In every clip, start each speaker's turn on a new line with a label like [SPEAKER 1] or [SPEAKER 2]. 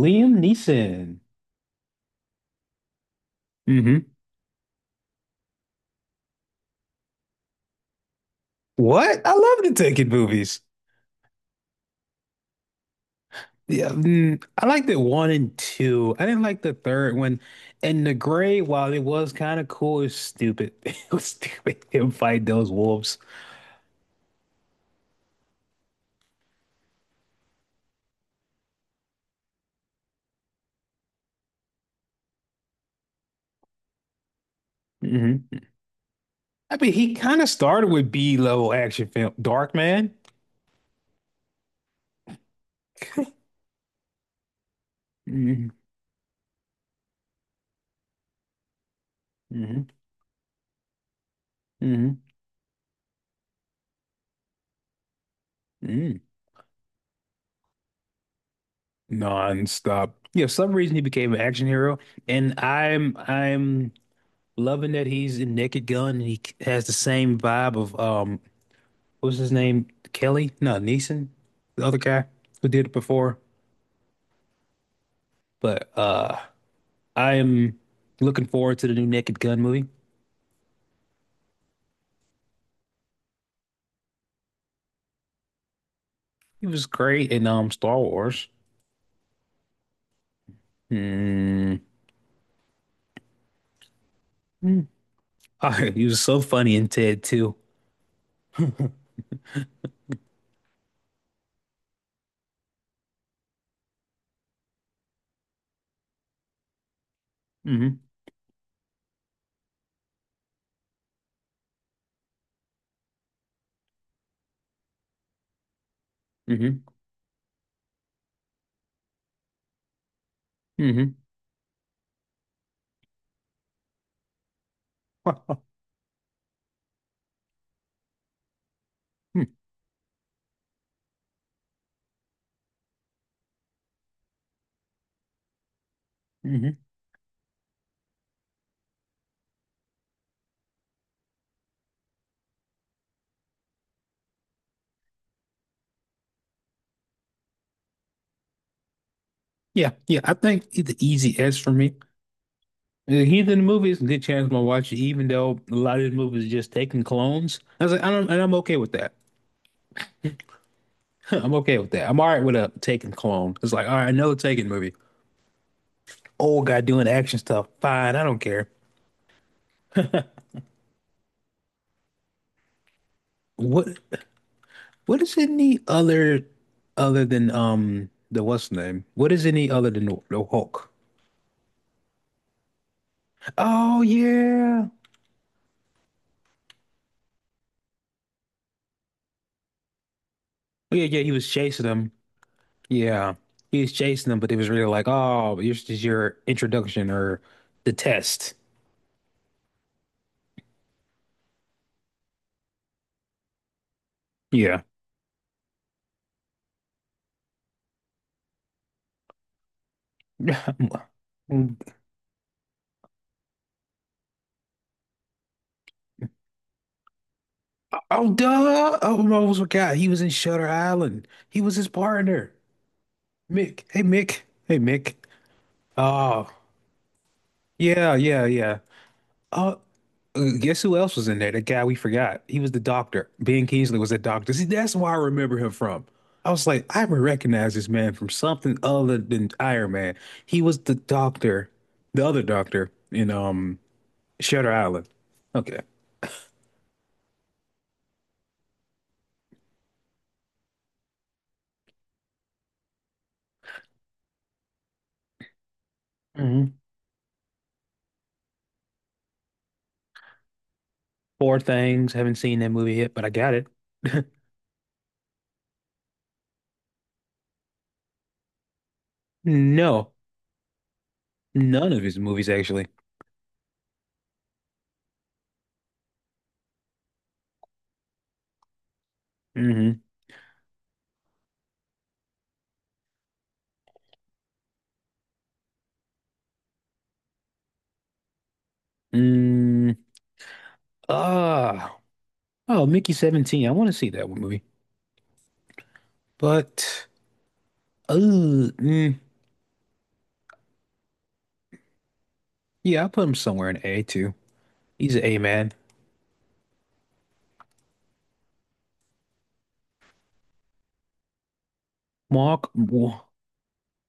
[SPEAKER 1] Liam Neeson. Hmm. What? I love the Taken movies. Yeah, I liked it one and two. I didn't like the third one. And the gray, while it was kind of cool, it's stupid. It was stupid him fight those wolves. Hmm. I mean, he kind of started with B-level action film, Dark Man. Mm-hmm. Mm-hmm. Mm-hmm. Non-stop. Yeah, for some reason he became an action hero, and I'm loving that he's in Naked Gun and he has the same vibe of what's his name? Kelly? No, Neeson, the other guy who did it before. But I am looking forward to the new Naked Gun movie. He was great in Star Wars. Hmm. Hmm. He was so funny in Ted too. Hmm. Hmm. Hmm. Hmm. Yeah, yeah. I think the easy S for me. The Heathen movies, good chance I'm gonna watch it, even though a lot of the movies just taking clones. I was like, I don't, and I'm okay with that. I'm okay with that. I'm all right with a taking clone. It's like, all right, another taking movie. Old guy doing action stuff. Fine, I don't care. What what is any other than the what's his name? What is any other than the Hulk? Oh yeah. Oh, yeah, yeah, he was chasing him. Yeah. He was chasing him, but it was really like, oh, this is your introduction or the test. Yeah. Oh, duh. Oh, I almost forgot. He was in Shutter Island. He was his partner, Mick. Hey, Mick. Hey, Mick. Oh, yeah, yeah, yeah. Oh, guess who else was in there? The guy we forgot. He was the doctor. Ben Kingsley was the doctor. See, that's why I remember him from. I was like, I would recognize this man from something other than Iron Man. He was the doctor, the other doctor in Shutter Island. Okay. Hmm. Poor things. Haven't seen that movie yet, but I got it. No. None of his movies, actually. Hmm. Mm, ah, oh, Mickey 17. I want to see that one movie. But, uh, mm, yeah, I put him somewhere in A too. He's an A man. Mark,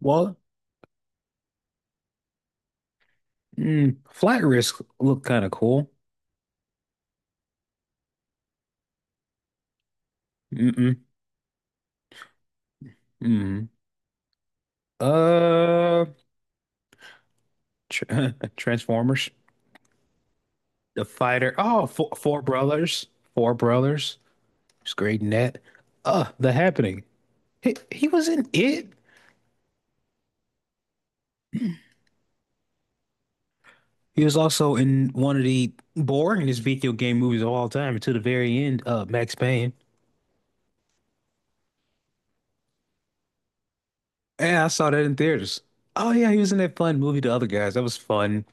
[SPEAKER 1] Wall, Flat Risk look kind of cool. Mm-mm, mm. Uh, tr Transformers, The Fighter. Oh, Four Brothers. Four Brothers. He's great in that. The Happening. He was in it. He was also in one of the boringest video game movies of all time to the very end, Max Payne. Yeah, I saw that in theaters. Oh yeah, he was in that fun movie, The Other Guys. That was fun.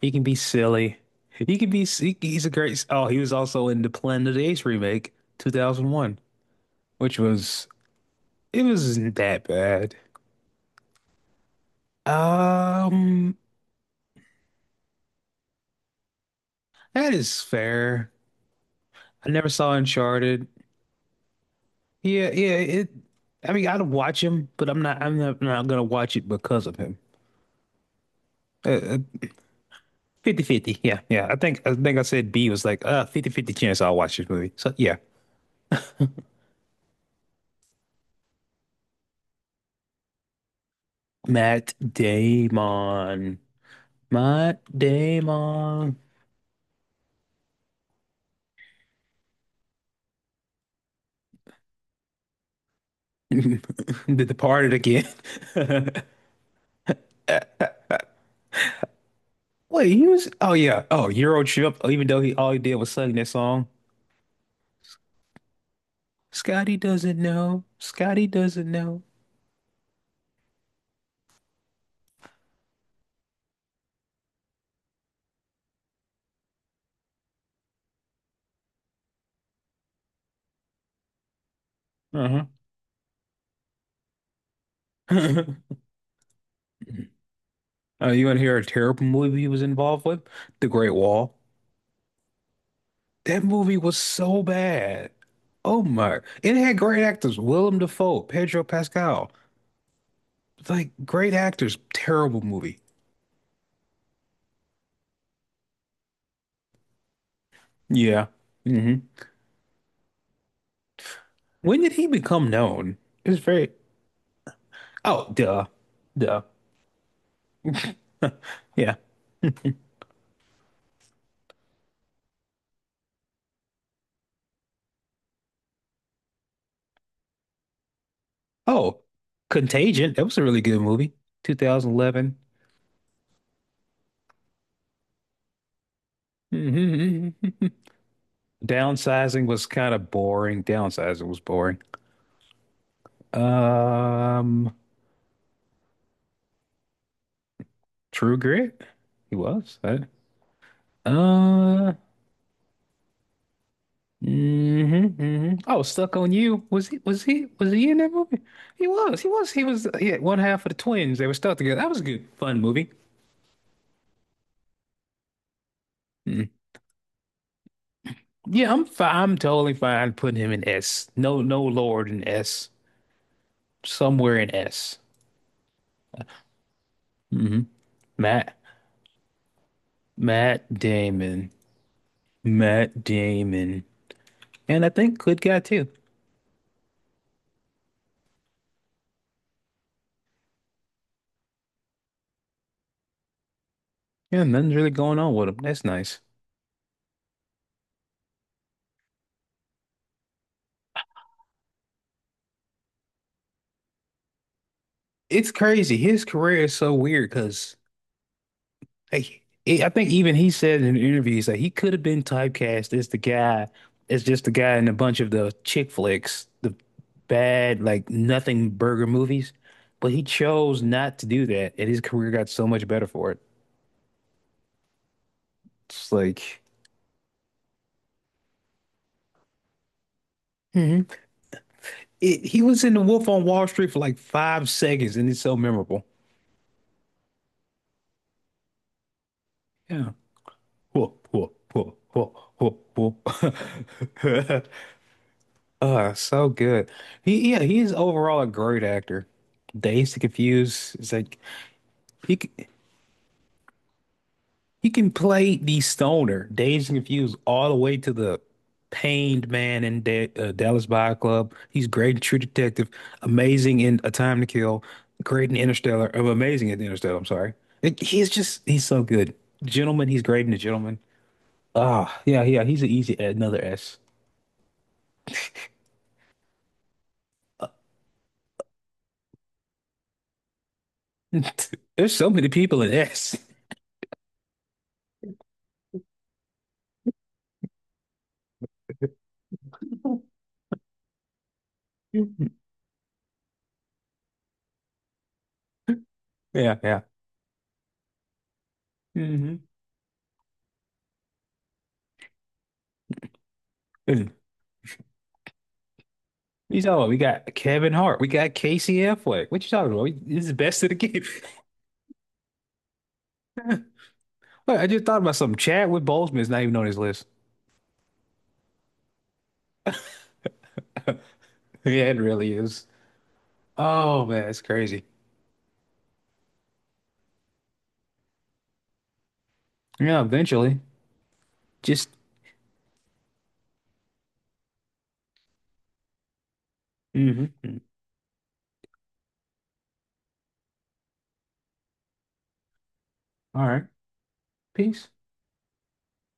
[SPEAKER 1] He can be silly. He can be. He's a great. Oh, he was also in the Planet of the Apes remake, 2001, which was it wasn't that bad. Um, that is fair. I never saw Uncharted. Yeah, yeah. It. I mean, I'd watch him, but I'm not. I'm not, not gonna watch it because of him. Uh, uh, 50/50, yeah, yeah. I think I said B was like 50/50 chance I'll watch this movie. So yeah. Matt Damon. Matt Damon. Did the part again. Wait, he was, oh yeah. Oh, Euro Trip, even though he all he did was sing that song. Scotty doesn't know. Scotty doesn't know. Uh-huh. You want to hear a terrible movie he was involved with? The Great Wall. That movie was so bad. Oh my. It had great actors. Willem Dafoe, Pedro Pascal. Like great actors. Terrible movie. Yeah. Hmm. When did he become known? It's very. Oh, duh. Duh. Yeah. Oh, Contagion. That was a really good movie. 2011. Hmm. Downsizing was kind of boring. Downsizing was boring. Um, True Grit. He was. Right? Uh, mm hmm Oh, Stuck on You. Was he in that movie? He was. He was. He was yeah, one half of the twins. They were stuck together. That was a good fun movie. Mm. Yeah, I'm fine. I'm totally fine putting him in S. No, no Lord in S. Somewhere in S. Hmm. Matt Matt Damon. Matt Damon. And I think good guy too. Yeah, nothing's really going on with him. That's nice. It's crazy. His career is so weird because, like, I think even he said in interviews like he could have been typecast as the guy, as just the guy in a bunch of the chick flicks, the bad like nothing burger movies, but he chose not to do that, and his career got so much better for it. It's like. Hmm. He was in The Wolf on Wall Street for like 5 seconds, and it's so memorable. Yeah. Whoa, whoa, whoa, whoa, whoa, whoa. So good. He Yeah, he is overall a great actor. Dazed and Confused is like he c- he can play the stoner, Dazed and Confused, all the way to the pained man in De Dallas Buy Club. He's great in True Detective, amazing in A Time to Kill, great in Interstellar, amazing in Interstellar. I'm sorry. He's just, he's so good. Gentleman, he's great in The Gentleman. Ah, yeah, yeah, he's an easy another S. There's so many people in S. Yeah, yeah. Hmm. You talking about? We got Kevin Hart. We got Casey Affleck. What you talking about? This is the best of the game. Wait, I just thought about something. Chadwick Boseman is not even on his list. Yeah, it really is. Oh man, it's crazy. Yeah, eventually. Just. Mhm. All right. Peace.